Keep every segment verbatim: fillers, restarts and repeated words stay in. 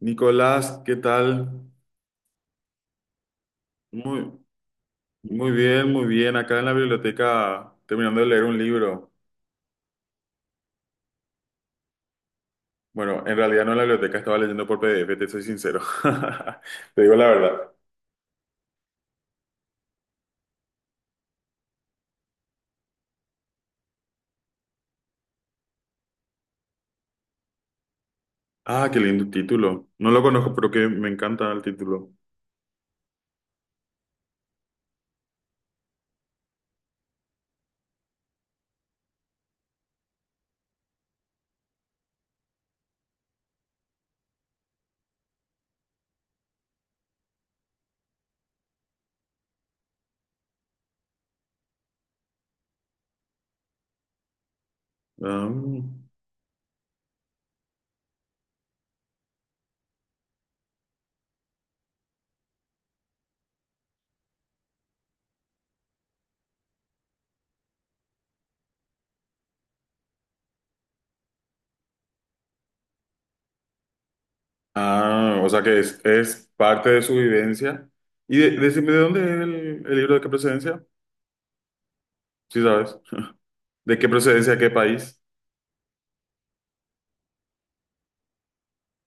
Nicolás, ¿qué tal? Muy, muy bien, muy bien. Acá en la biblioteca, terminando de leer un libro. Bueno, en realidad no en la biblioteca, estaba leyendo por P D F, te soy sincero. Te digo la verdad. Ah, qué lindo título. No lo conozco, pero que me encanta el título. Ah, ah, o sea que es, es parte de su vivencia. Y de- decime, ¿de dónde es el, el libro, de qué procedencia? Sí, sabes. ¿De qué procedencia, qué país?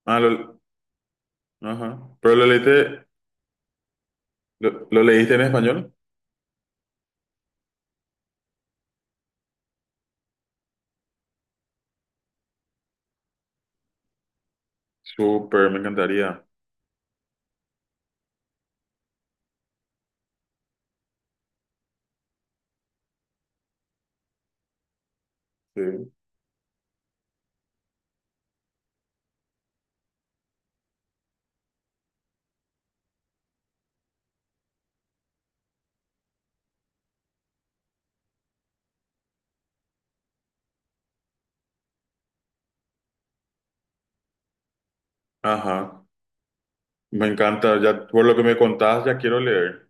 Ah, lo, ajá. ¿Pero lo leíste, lo lo leíste en español? Súper, me encantaría. Sí. Ajá, me encanta. Ya por lo que me contás, ya quiero leer.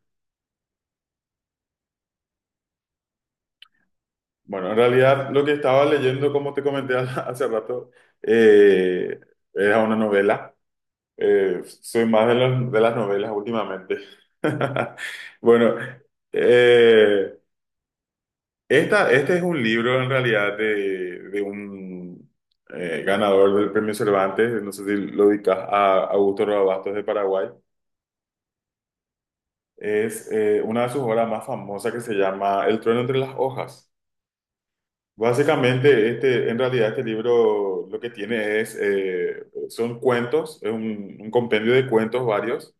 Bueno, en realidad lo que estaba leyendo, como te comenté hace rato, eh, era una novela. Eh, soy más de, los- de las novelas últimamente. Bueno, eh, esta, este es un libro en realidad de, de un eh, ganador del premio Cervantes, no sé si lo dedicas a Augusto Roa Bastos de Paraguay. Es eh, una de sus obras más famosas que se llama El trueno entre las hojas. Básicamente, este, en realidad este libro lo que tiene es, eh, son cuentos, es un, un compendio de cuentos varios,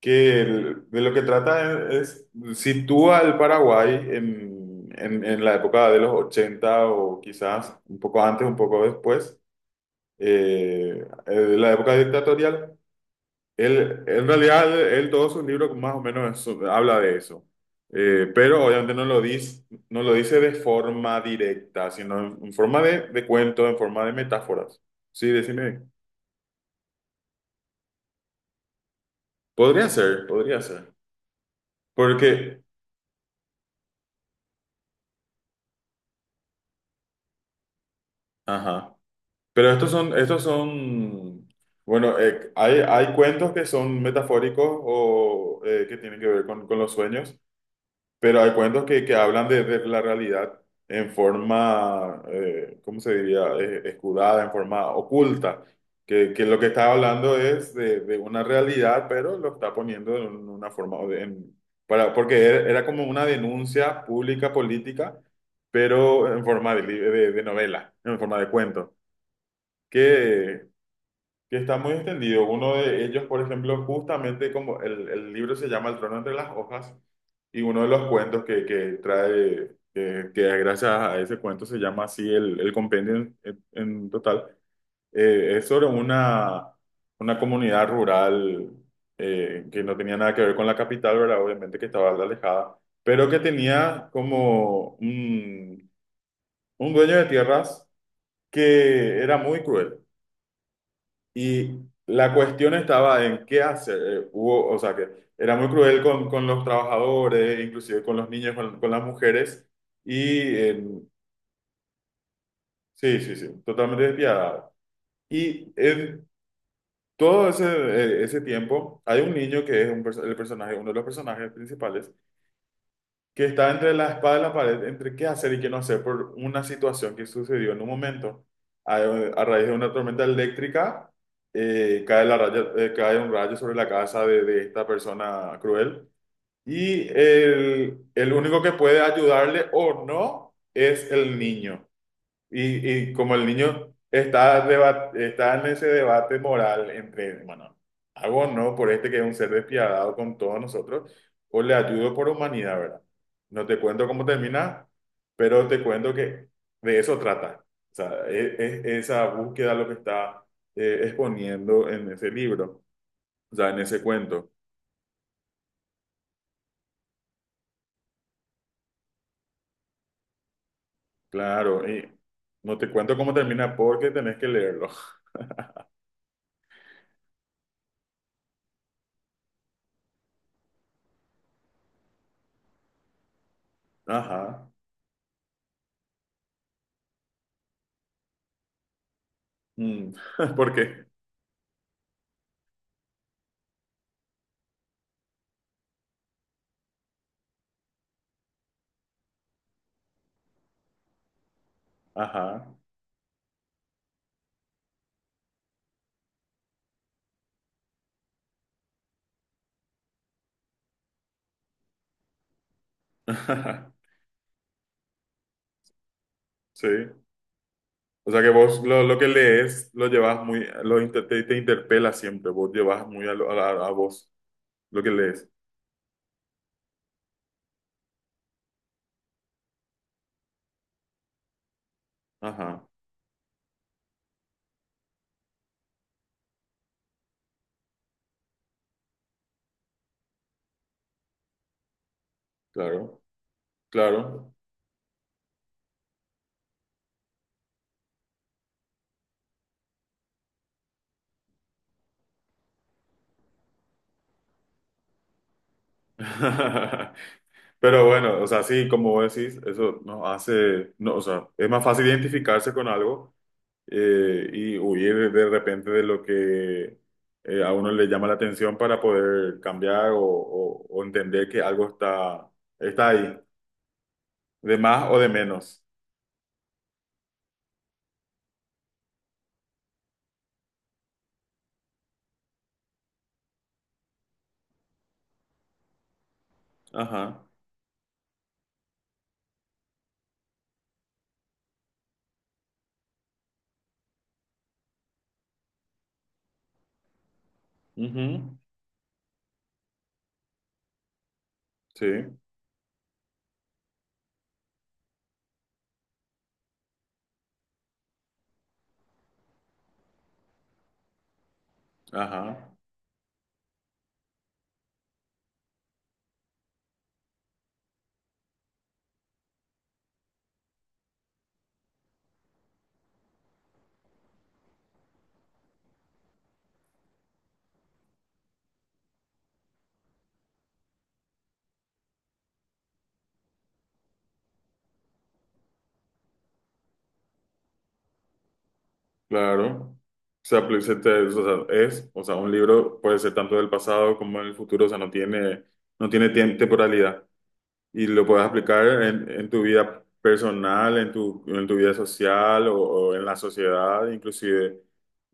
que el- de lo que trata es, sitúa al Paraguay en, en- en la época de los ochenta o quizás un poco antes, un poco después, eh, eh, de la época dictatorial. Él, en realidad, él, todos sus libros más o menos eso- habla de eso. Eh, pero obviamente no lo dice, no lo dice de forma directa, sino en, en forma de, de cuento, en forma de metáforas. Sí, decime. Podría ser, podría ser. Porque, ajá. Pero estos son, estos son, bueno, eh, hay, hay cuentos que son metafóricos o eh, que tienen que ver con, con los sueños. Pero hay cuentos que, que hablan de, de la realidad en forma, eh, ¿cómo se diría? Eh, escudada, en forma oculta. Que, que lo que está hablando es de, de una realidad, pero lo está poniendo en una forma, o de- en- para, porque era era como una denuncia pública, política, pero en forma de, li- de, de novela, en forma de cuento que está muy extendido. Uno de ellos, por ejemplo, justamente como el, el libro se llama El trono entre las hojas, y uno de los cuentos que, que trae, que, que gracias a ese cuento se llama así el, el compendio en, en- en total, eh, es sobre una, una comunidad rural eh, que no tenía nada que ver con la capital, ¿verdad? Obviamente que estaba alejada, pero que tenía como un, un dueño de tierras que era muy cruel. Y la cuestión estaba en qué hacer. Eh, hubo, o sea, que era muy cruel con, con los trabajadores, inclusive con los niños, con, con las mujeres. Y eh, sí, sí, sí, totalmente despiadada. Y en todo ese, eh, ese tiempo hay un niño que es un, perso- el personaje, uno de los personajes principales que está entre la espada y la pared, entre qué hacer y qué no hacer por una situación que sucedió en un momento. A, a raíz de una tormenta eléctrica, eh, cae, la raya- eh, cae un rayo sobre la casa de, de esta persona cruel y el, el único que puede ayudarle o no es el niño. Y, y como el niño está, deba- está en ese debate moral entre, bueno, hago o no por este que es un ser despiadado con todos nosotros, o le ayudo por humanidad, ¿verdad? No te cuento cómo termina, pero te cuento que de eso trata. O sea, es, es esa búsqueda lo que está eh, exponiendo en ese libro, o sea, en ese cuento. Claro, y no te cuento cómo termina porque tenés que leerlo. Ajá. Mm. ¿Por qué? Ajá. Sí. O sea que vos lo, lo que lees lo llevas muy, lo inter- te, te interpela siempre, vos llevas muy a, lo- a, la- a vos lo que lees. Ajá, claro, claro. Pero bueno, o sea, sí, como vos decís, eso nos hace, no, o sea, es más fácil identificarse con algo eh, y huir de repente de lo que eh, a uno le llama la atención para poder cambiar o, o, o entender que algo está, está ahí, de más o de menos. Ajá. Ujú. Sí, ajá, claro. Se apli- se te- O sea, es, o sea, un libro puede ser tanto del pasado como en el futuro, o sea, no tiene, no tiene tiem- temporalidad y lo puedes aplicar en, en tu vida personal, en tu, en tu vida social o, o en la sociedad, inclusive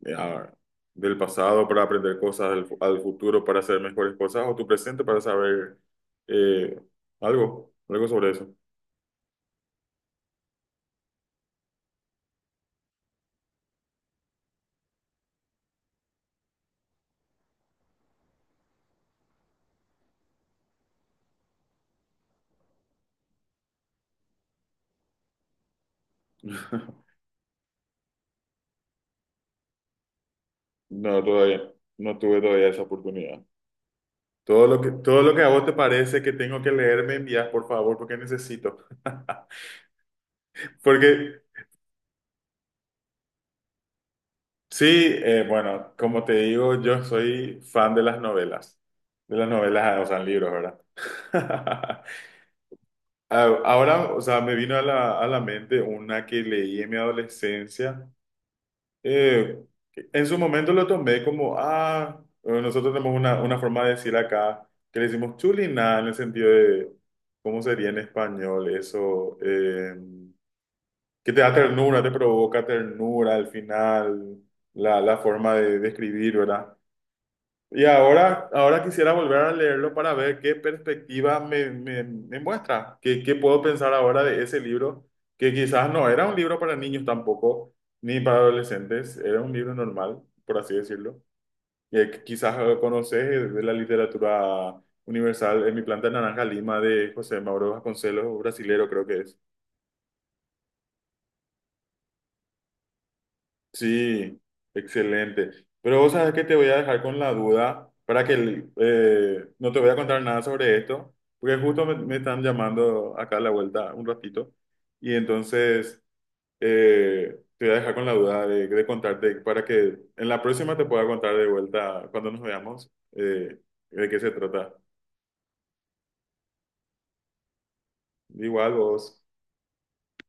eh, a- del pasado para aprender cosas, al, fu- al futuro para hacer mejores cosas o tu presente para saber eh, algo, algo sobre eso. No, todavía, no tuve todavía esa oportunidad. Todo lo que, todo lo que a vos te parece que tengo que leer, me envías, por favor, porque necesito. Porque sí, eh, bueno, como te digo, yo soy fan de las novelas, de las novelas, ah, o sea, libros, ¿verdad? Ah, ahora, o sea, me vino a la, a la mente una que leí en mi adolescencia. Eh, en su momento lo tomé como, ah, eh, nosotros tenemos una, una forma de decir acá que le decimos chuliná en el sentido de, ¿cómo sería en español eso? Eh, que te da ternura, te provoca ternura al final, la, la forma de describir, ¿verdad? Y ahora, ahora quisiera volver a leerlo para ver qué perspectiva me, me- me muestra, qué, qué puedo pensar ahora de ese libro, que quizás no era un libro para niños tampoco, ni para adolescentes, era un libro normal, por así decirlo. Eh, que quizás eh, conoces eh, de la literatura universal En mi planta naranja Lima de José Mauro Vasconcelos, brasilero creo que es. Sí, excelente. Pero vos sabés que te voy a dejar con la duda para que eh, no te voy a contar nada sobre esto, porque justo me, me están llamando acá a la vuelta un ratito y entonces eh, te voy a dejar con la duda de, de contarte para que en la próxima te pueda contar de vuelta cuando nos veamos eh, de qué se trata. Igual vos.